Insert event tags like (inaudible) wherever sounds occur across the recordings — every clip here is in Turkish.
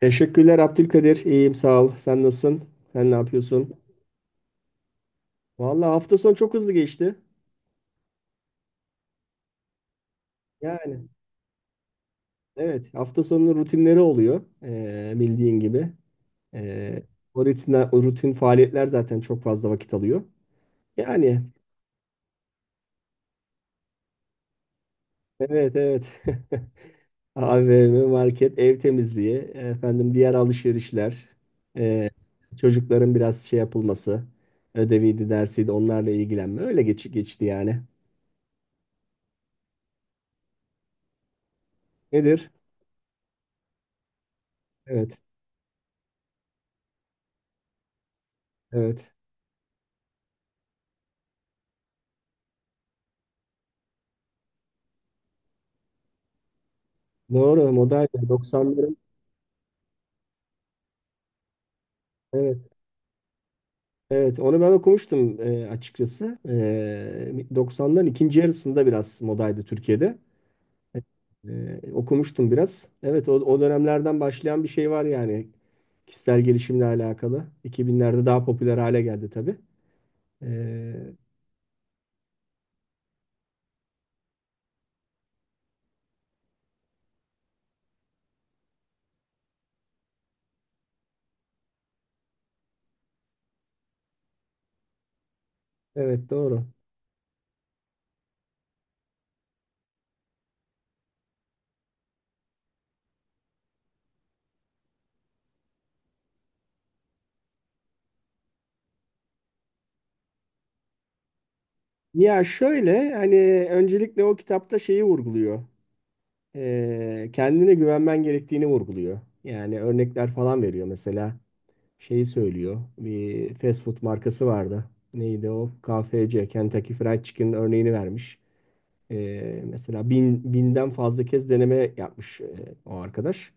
Teşekkürler Abdülkadir. İyiyim sağ ol. Sen nasılsın? Sen ne yapıyorsun? Vallahi hafta sonu çok hızlı geçti. Yani evet, hafta sonunun rutinleri oluyor. Bildiğin gibi. Ee, O rutinler, o rutin faaliyetler zaten çok fazla vakit alıyor. Yani evet, evet. (laughs) AVM, market, ev temizliği, efendim diğer alışverişler, ee, çocukların biraz şey yapılması, ödeviydi, dersiydi onlarla ilgilenme. Öyle geçti yani. Nedir? Evet, evet. Doğru, modern doksanların, evet, evet onu ben okumuştum, açıkçası. E, 90'ların ikinci yarısında biraz modaydı Türkiye'de. E, okumuştum biraz. Evet, o dönemlerden başlayan bir şey var yani kişisel gelişimle alakalı. 2000'lerde daha popüler hale geldi tabii. E, evet, doğru. Ya şöyle, hani öncelikle o kitapta şeyi vurguluyor. E, kendine güvenmen gerektiğini vurguluyor. Yani örnekler falan veriyor mesela. Şeyi söylüyor. Bir fast food markası vardı. Neydi o? KFC, Kentucky Fried Chicken örneğini vermiş. Mesela 1000'den fazla kez deneme yapmış, o arkadaş.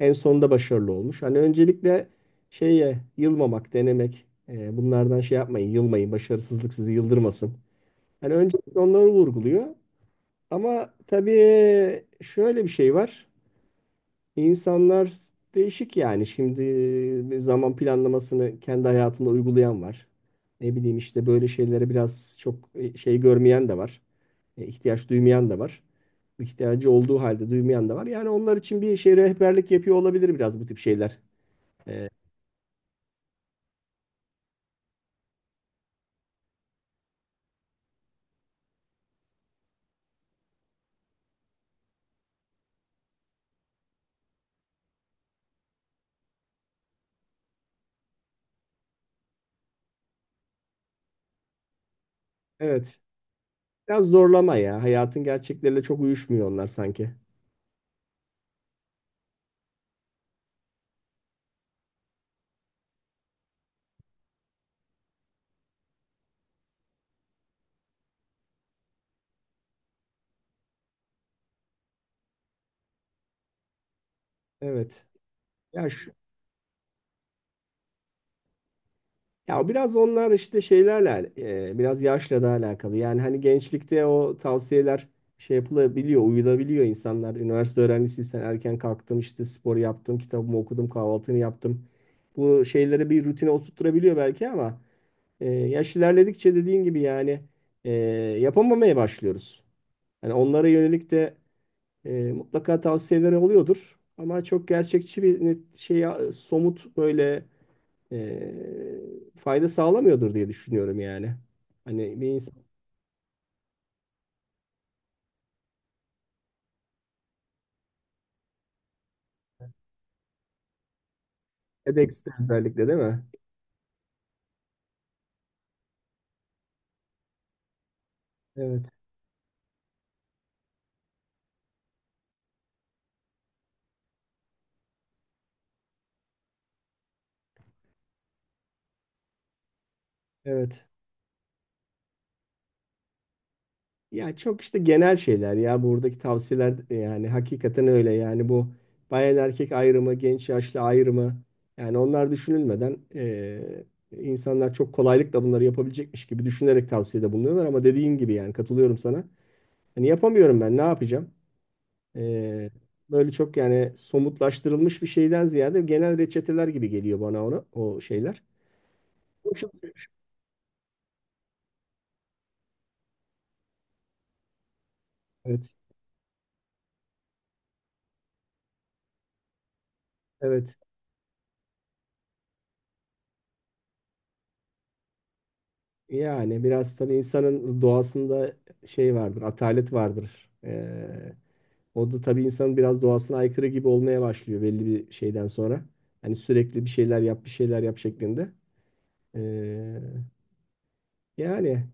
En sonunda başarılı olmuş. Hani öncelikle şeye yılmamak, denemek. Bunlardan şey yapmayın, yılmayın. Başarısızlık sizi yıldırmasın. Hani öncelikle onları vurguluyor. Ama tabii şöyle bir şey var. İnsanlar değişik yani. Şimdi zaman planlamasını kendi hayatında uygulayan var. Ne bileyim işte böyle şeylere biraz çok şey görmeyen de var. E, ihtiyaç duymayan da var. İhtiyacı olduğu halde duymayan da var. Yani onlar için bir şey rehberlik yapıyor olabilir biraz bu tip şeyler. E, evet. Biraz zorlama ya. Hayatın gerçekleriyle çok uyuşmuyor onlar sanki. Evet. Ya şu- Ya biraz onlar işte şeylerle biraz yaşla da alakalı. Yani hani gençlikte o tavsiyeler şey yapılabiliyor, uyulabiliyor insanlar. Üniversite öğrencisiysen erken kalktım işte, spor yaptım, kitabımı okudum, kahvaltımı yaptım. Bu şeyleri bir rutine oturtturabiliyor belki ama yaş ilerledikçe dediğin gibi yani e, yapamamaya başlıyoruz. Yani onlara yönelik de mutlaka tavsiyeleri oluyordur. Ama çok gerçekçi bir net şey, somut böyle fayda sağlamıyordur diye düşünüyorum yani. Hani bir insan TEDx'te özellikle, değil mi? Evet, evet. Ya çok işte genel şeyler ya buradaki tavsiyeler, yani hakikaten öyle yani bu bayan erkek ayrımı, genç yaşlı ayrımı, yani onlar düşünülmeden insanlar çok kolaylıkla bunları yapabilecekmiş gibi düşünerek tavsiyede bulunuyorlar ama dediğin gibi yani katılıyorum sana. Hani yapamıyorum, ben ne yapacağım? Ee, böyle çok yani somutlaştırılmış bir şeyden ziyade genel reçeteler gibi geliyor bana, ona o şeyler. Bu çok- Evet. Evet. Yani biraz tabii insanın doğasında şey vardır, atalet vardır. O da tabii insanın biraz doğasına aykırı gibi olmaya başlıyor belli bir şeyden sonra. Hani sürekli bir şeyler yap, bir şeyler yap şeklinde. Ee, yani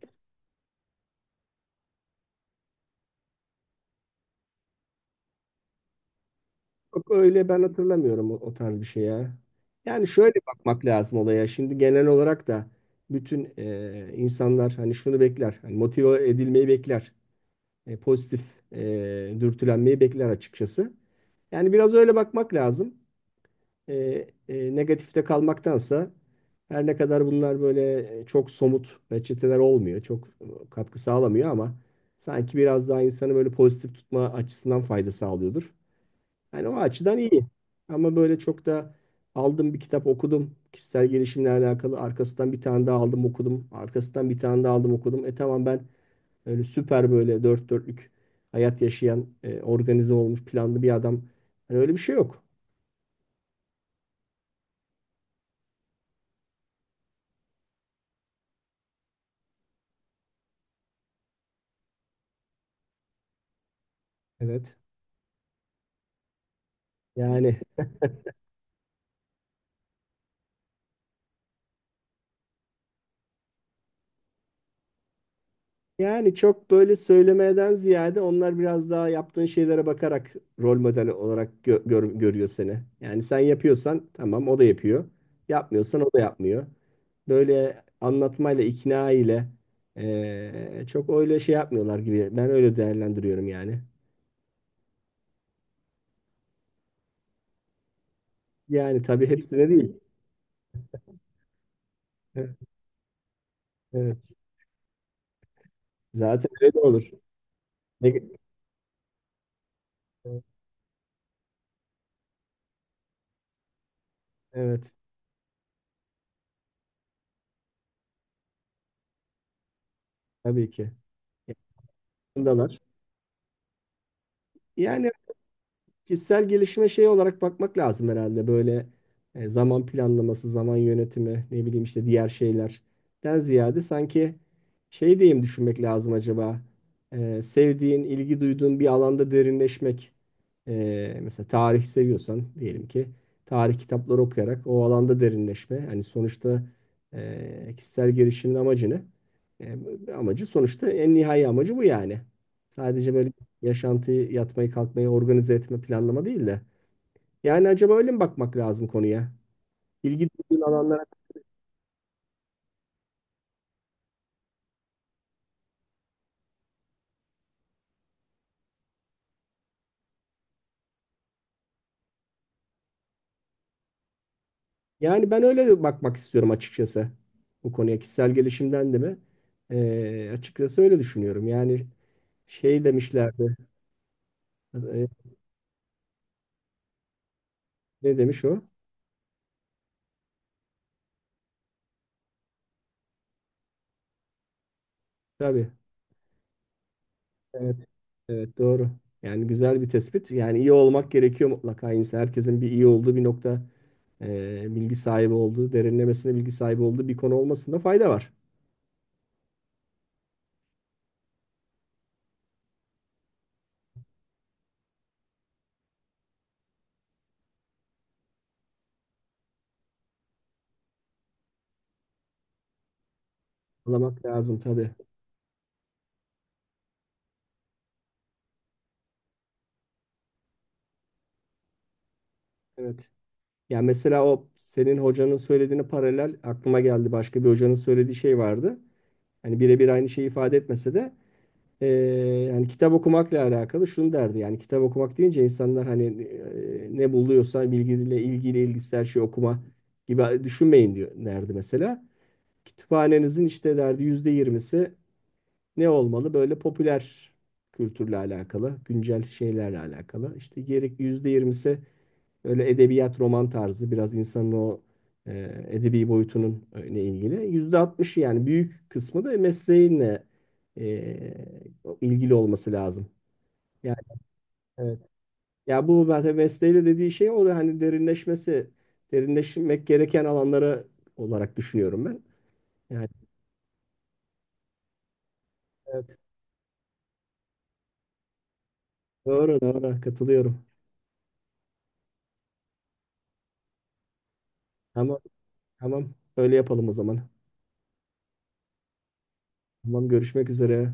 Yok öyle, ben hatırlamıyorum o, o tarz bir şey ya. Yani şöyle bakmak lazım olaya. Şimdi genel olarak da bütün insanlar hani şunu bekler. Hani motive edilmeyi bekler. Pozitif dürtülenmeyi bekler açıkçası. Yani biraz öyle bakmak lazım. E, negatifte kalmaktansa, her ne kadar bunlar böyle çok somut reçeteler olmuyor, çok katkı sağlamıyor ama sanki biraz daha insanı böyle pozitif tutma açısından fayda sağlıyordur. Yani o açıdan iyi. Ama böyle çok da aldım bir kitap okudum. Kişisel gelişimle alakalı. Arkasından bir tane daha aldım okudum. Arkasından bir tane daha aldım okudum. Tamam, ben öyle süper, böyle dört dörtlük hayat yaşayan, organize olmuş, planlı bir adam. Hani öyle bir şey yok. Evet. Yani yani çok böyle söylemeden ziyade onlar biraz daha yaptığın şeylere bakarak rol model olarak görüyor seni. Yani sen yapıyorsan tamam o da yapıyor. Yapmıyorsan o da yapmıyor. Böyle anlatmayla, ikna ile çok öyle şey yapmıyorlar gibi. Ben öyle değerlendiriyorum yani. Yani tabii hepsine değil. Evet. Evet. Zaten öyle de olur. Ne- Evet, tabii ki. Yanındalar. Yani kişisel gelişime şey olarak bakmak lazım herhalde. Böyle zaman planlaması, zaman yönetimi, ne bileyim işte diğer şeylerden ziyade sanki şey diyeyim, düşünmek lazım acaba. Sevdiğin, ilgi duyduğun bir alanda derinleşmek. Mesela tarih seviyorsan diyelim ki tarih kitapları okuyarak o alanda derinleşme. Yani sonuçta kişisel gelişimin amacı ne? Amacı sonuçta, en nihai amacı bu yani. Sadece böyle yaşantıyı, yatmayı, kalkmayı organize etme, planlama değil de. Yani acaba öyle mi bakmak lazım konuya? İlgi duyduğun alanlara. Yani ben öyle bakmak istiyorum açıkçası bu konuya, kişisel gelişimden de mi? Açıkçası öyle düşünüyorum. Yani şey demişlerdi. e, ne demiş o? Tabii. Evet, evet doğru. Yani güzel bir tespit. Yani iyi olmak gerekiyor mutlaka insan. Herkesin bir iyi olduğu bir nokta, bilgi sahibi olduğu, derinlemesine bilgi sahibi olduğu bir konu olmasında fayda var. Anlamak lazım tabii. Evet. Ya mesela o senin hocanın söylediğine paralel aklıma geldi, başka bir hocanın söylediği şey vardı. Hani birebir aynı şeyi ifade etmese de, eee, yani kitap okumakla alakalı şunu derdi. Yani kitap okumak deyince insanlar hani ne buluyorsa bilgiyle ilgili ilgisi, her şeyi okuma gibi düşünmeyin diyor derdi mesela. Kütüphanenizin, işte derdi, %20'si ne olmalı? Böyle popüler kültürle alakalı, güncel şeylerle alakalı. İşte geri %20'si öyle edebiyat, roman tarzı, biraz insanın o edebi boyutunun ile ilgili. %60'ı yani büyük kısmı da mesleğinle e, ilgili olması lazım. Yani evet. Ya bu zaten mesleğiyle dediği şey, o da hani derinleşmesi, derinleşmek gereken alanlara olarak düşünüyorum ben. Yani evet. Doğru, doğru, katılıyorum. Tamam, tamam, öyle yapalım o zaman. Tamam, görüşmek üzere.